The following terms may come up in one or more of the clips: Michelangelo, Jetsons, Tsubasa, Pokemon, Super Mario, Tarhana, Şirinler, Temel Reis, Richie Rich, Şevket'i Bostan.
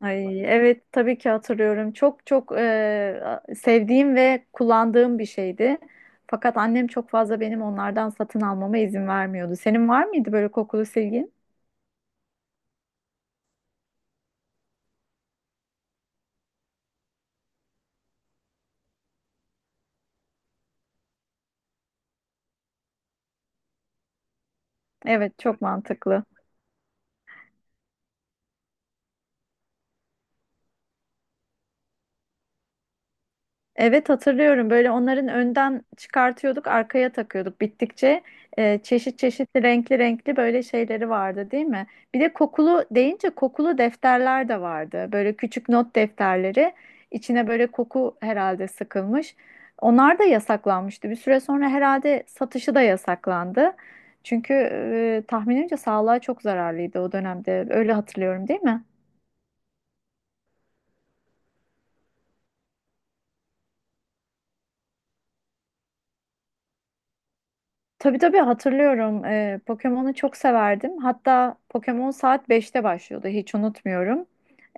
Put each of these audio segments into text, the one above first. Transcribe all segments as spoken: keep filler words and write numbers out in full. Ay, evet tabii ki hatırlıyorum. Çok çok e, sevdiğim ve kullandığım bir şeydi. Fakat annem çok fazla benim onlardan satın almama izin vermiyordu. Senin var mıydı böyle kokulu silgin? Evet, çok mantıklı. Evet, hatırlıyorum, böyle onların önden çıkartıyorduk, arkaya takıyorduk bittikçe, e, çeşit çeşit renkli renkli böyle şeyleri vardı değil mi? Bir de kokulu deyince kokulu defterler de vardı, böyle küçük not defterleri içine böyle koku herhalde sıkılmış. Onlar da yasaklanmıştı, bir süre sonra herhalde satışı da yasaklandı. Çünkü e, tahminimce sağlığa çok zararlıydı o dönemde, öyle hatırlıyorum, değil mi? Tabii tabii, hatırlıyorum. Ee, Pokemon'u çok severdim. Hatta Pokemon saat beşte başlıyordu. Hiç unutmuyorum.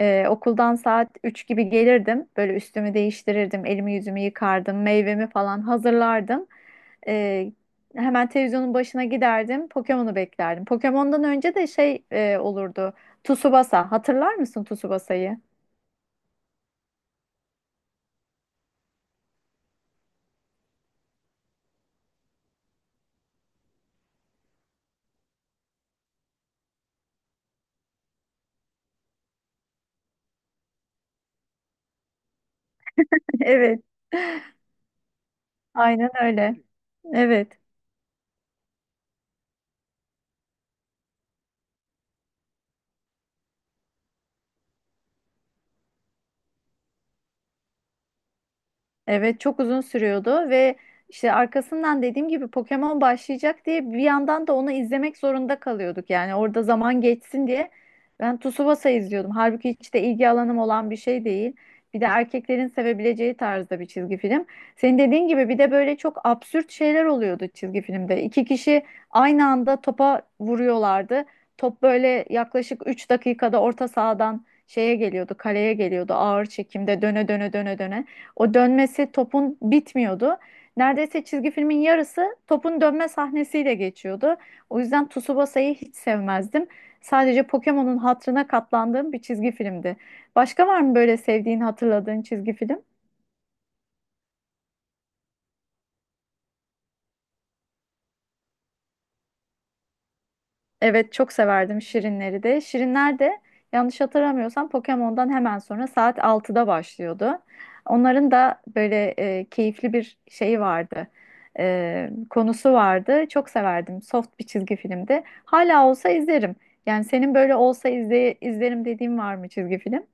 Ee, okuldan saat üç gibi gelirdim. Böyle üstümü değiştirirdim. Elimi yüzümü yıkardım. Meyvemi falan hazırlardım. Ee, hemen televizyonun başına giderdim. Pokemon'u beklerdim. Pokemon'dan önce de şey e, olurdu. Tsubasa. Hatırlar mısın Tsubasa'yı? Evet. Aynen öyle. Evet. Evet, çok uzun sürüyordu ve işte arkasından dediğim gibi Pokemon başlayacak diye bir yandan da onu izlemek zorunda kalıyorduk. Yani orada zaman geçsin diye ben Tsubasa izliyordum. Halbuki hiç de ilgi alanım olan bir şey değil. Bir de erkeklerin sevebileceği tarzda bir çizgi film. Senin dediğin gibi bir de böyle çok absürt şeyler oluyordu çizgi filmde. İki kişi aynı anda topa vuruyorlardı. Top böyle yaklaşık üç dakikada orta sahadan şeye geliyordu, kaleye geliyordu ağır çekimde döne döne döne döne. O dönmesi topun bitmiyordu. Neredeyse çizgi filmin yarısı topun dönme sahnesiyle geçiyordu. O yüzden Tsubasa'yı hiç sevmezdim. Sadece Pokemon'un hatırına katlandığım bir çizgi filmdi. Başka var mı böyle sevdiğin, hatırladığın çizgi film? Evet, çok severdim Şirinleri de. Şirinler de yanlış hatırlamıyorsam Pokemon'dan hemen sonra saat altıda başlıyordu. Onların da böyle e, keyifli bir şeyi vardı. E, konusu vardı. Çok severdim. Soft bir çizgi filmdi. Hala olsa izlerim. Yani senin böyle olsa izle, izlerim dediğin var mı çizgi film?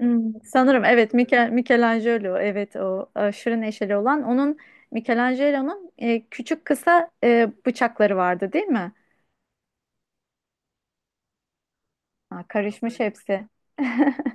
Hmm, sanırım evet, Mikel, Michelangelo, evet, o aşırı neşeli olan onun, Michelangelo'nun e, küçük kısa e, bıçakları vardı değil mi? Ha, karışmış hepsi.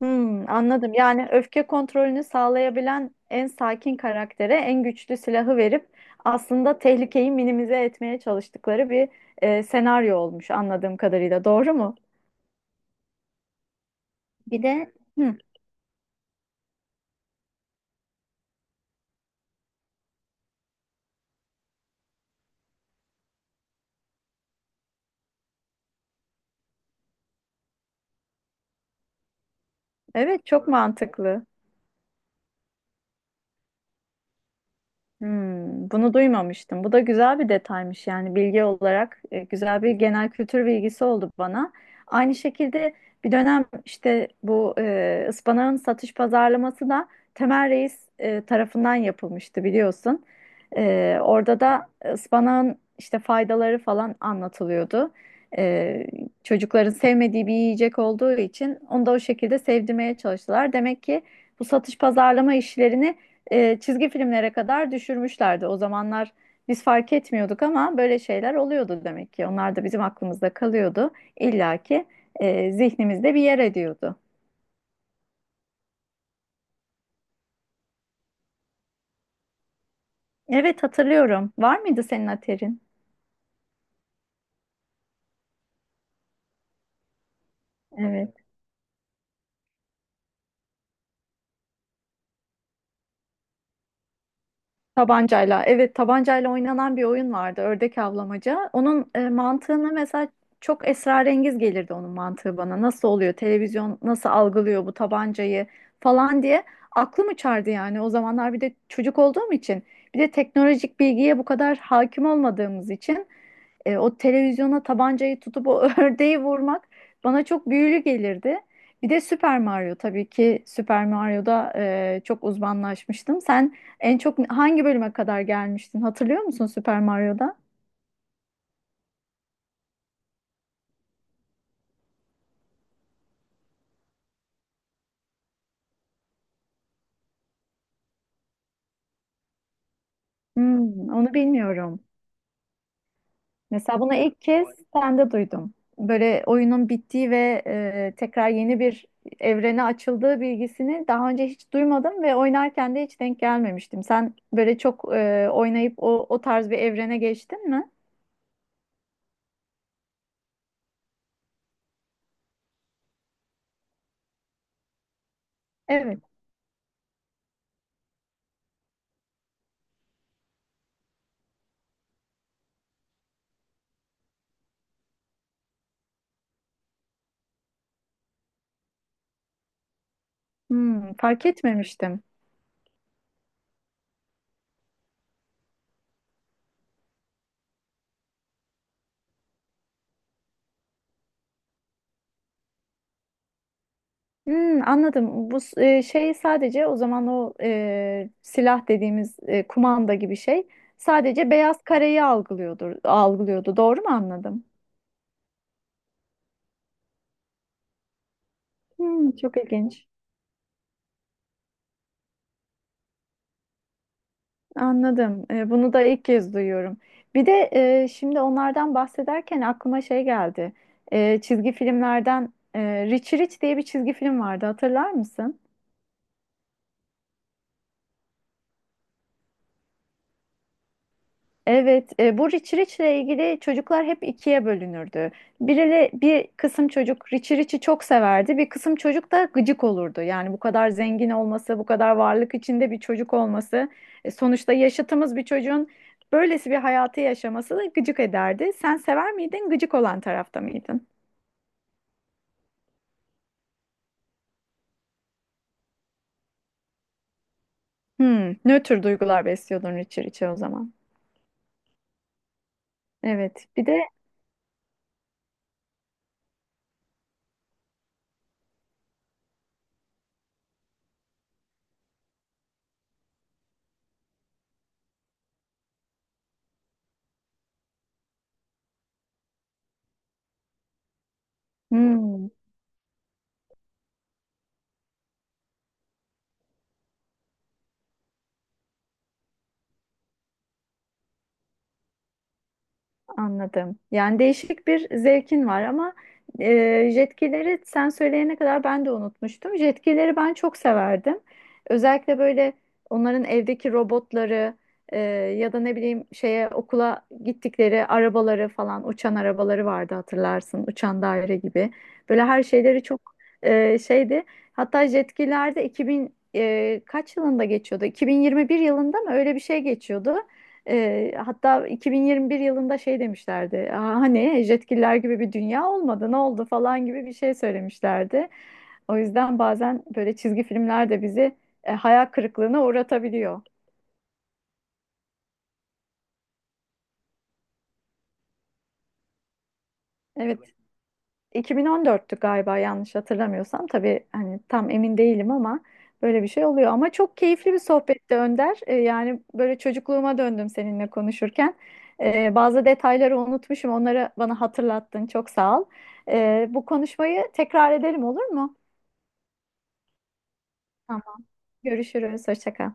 Hmm, anladım. Yani öfke kontrolünü sağlayabilen en sakin karaktere en güçlü silahı verip aslında tehlikeyi minimize etmeye çalıştıkları bir e, senaryo olmuş anladığım kadarıyla. Doğru mu? Bir de. Hı, evet, çok mantıklı. Hmm, bunu duymamıştım. Bu da güzel bir detaymış, yani bilgi olarak e, güzel bir genel kültür bilgisi oldu bana. Aynı şekilde bir dönem işte bu e, ıspanağın satış pazarlaması da Temel Reis e, tarafından yapılmıştı biliyorsun. E, orada da ıspanağın işte faydaları falan anlatılıyordu. E, çocukların sevmediği bir yiyecek olduğu için onu da o şekilde sevdirmeye çalıştılar. Demek ki bu satış pazarlama işlerini e, çizgi filmlere kadar düşürmüşlerdi. O zamanlar biz fark etmiyorduk ama böyle şeyler oluyordu demek ki. Onlar da bizim aklımızda kalıyordu. İlla ki e, zihnimizde bir yer ediyordu. Evet, hatırlıyorum. Var mıydı senin aterin? Evet. Tabancayla. Evet, tabancayla oynanan bir oyun vardı. Ördek avlamaca. Onun e, mantığını, mesela çok esrarengiz gelirdi onun mantığı bana. Nasıl oluyor? Televizyon nasıl algılıyor bu tabancayı falan diye aklım uçardı yani. O zamanlar bir de çocuk olduğum için, bir de teknolojik bilgiye bu kadar hakim olmadığımız için e, o televizyona tabancayı tutup o ördeği vurmak bana çok büyülü gelirdi. Bir de Super Mario, tabii ki Super Mario'da e, çok uzmanlaşmıştım. Sen en çok hangi bölüme kadar gelmiştin? Hatırlıyor musun Super Mario'da? Hmm, onu bilmiyorum. Mesela bunu ilk kez sende duydum. Böyle oyunun bittiği ve e, tekrar yeni bir evrene açıldığı bilgisini daha önce hiç duymadım ve oynarken de hiç denk gelmemiştim. Sen böyle çok e, oynayıp o, o tarz bir evrene geçtin mi? Evet. Hmm, fark etmemiştim. Hmm, anladım. Bu e, şey, sadece o zaman o e, silah dediğimiz e, kumanda gibi şey sadece beyaz kareyi algılıyordur, algılıyordu. Doğru mu anladım? Hmm, çok ilginç. Anladım. E, bunu da ilk kez duyuyorum. Bir de e, şimdi onlardan bahsederken aklıma şey geldi. E, çizgi filmlerden, e, Rich Rich diye bir çizgi film vardı. Hatırlar mısın? Evet, e, bu Richie Rich'le ilgili çocuklar hep ikiye bölünürdü. Biriyle bir kısım çocuk Richie Rich'i çok severdi, bir kısım çocuk da gıcık olurdu. Yani bu kadar zengin olması, bu kadar varlık içinde bir çocuk olması, e, sonuçta yaşıtımız bir çocuğun böylesi bir hayatı yaşaması da gıcık ederdi. Sen sever miydin, gıcık olan tarafta mıydın? Hmm, nötr duygular besliyordun Richie Rich'e o zaman. Evet. Bir de. hmm, Anladım. Yani değişik bir zevkin var ama e, jetkileri sen söyleyene kadar ben de unutmuştum. Jetkileri ben çok severdim. Özellikle böyle onların evdeki robotları, e, ya da ne bileyim şeye okula gittikleri arabaları falan, uçan arabaları vardı hatırlarsın. Uçan daire gibi. Böyle her şeyleri çok e, şeydi. Hatta jetkilerde iki bin e, kaç yılında geçiyordu? iki bin yirmi bir yılında mı, öyle bir şey geçiyordu. Ee, hatta iki bin yirmi bir yılında şey demişlerdi. "Aa, hani jetgiller gibi bir dünya olmadı, ne oldu" falan gibi bir şey söylemişlerdi. O yüzden bazen böyle çizgi filmler de bizi e, hayal kırıklığına uğratabiliyor. Evet, iki bin on dörttü galiba, yanlış hatırlamıyorsam. Tabii hani tam emin değilim ama böyle bir şey oluyor. Ama çok keyifli bir sohbetti Önder. Ee, yani böyle çocukluğuma döndüm seninle konuşurken. Ee, bazı detayları unutmuşum. Onları bana hatırlattın. Çok sağ ol. Ee, bu konuşmayı tekrar edelim, olur mu? Tamam. Görüşürüz. Hoşça kal.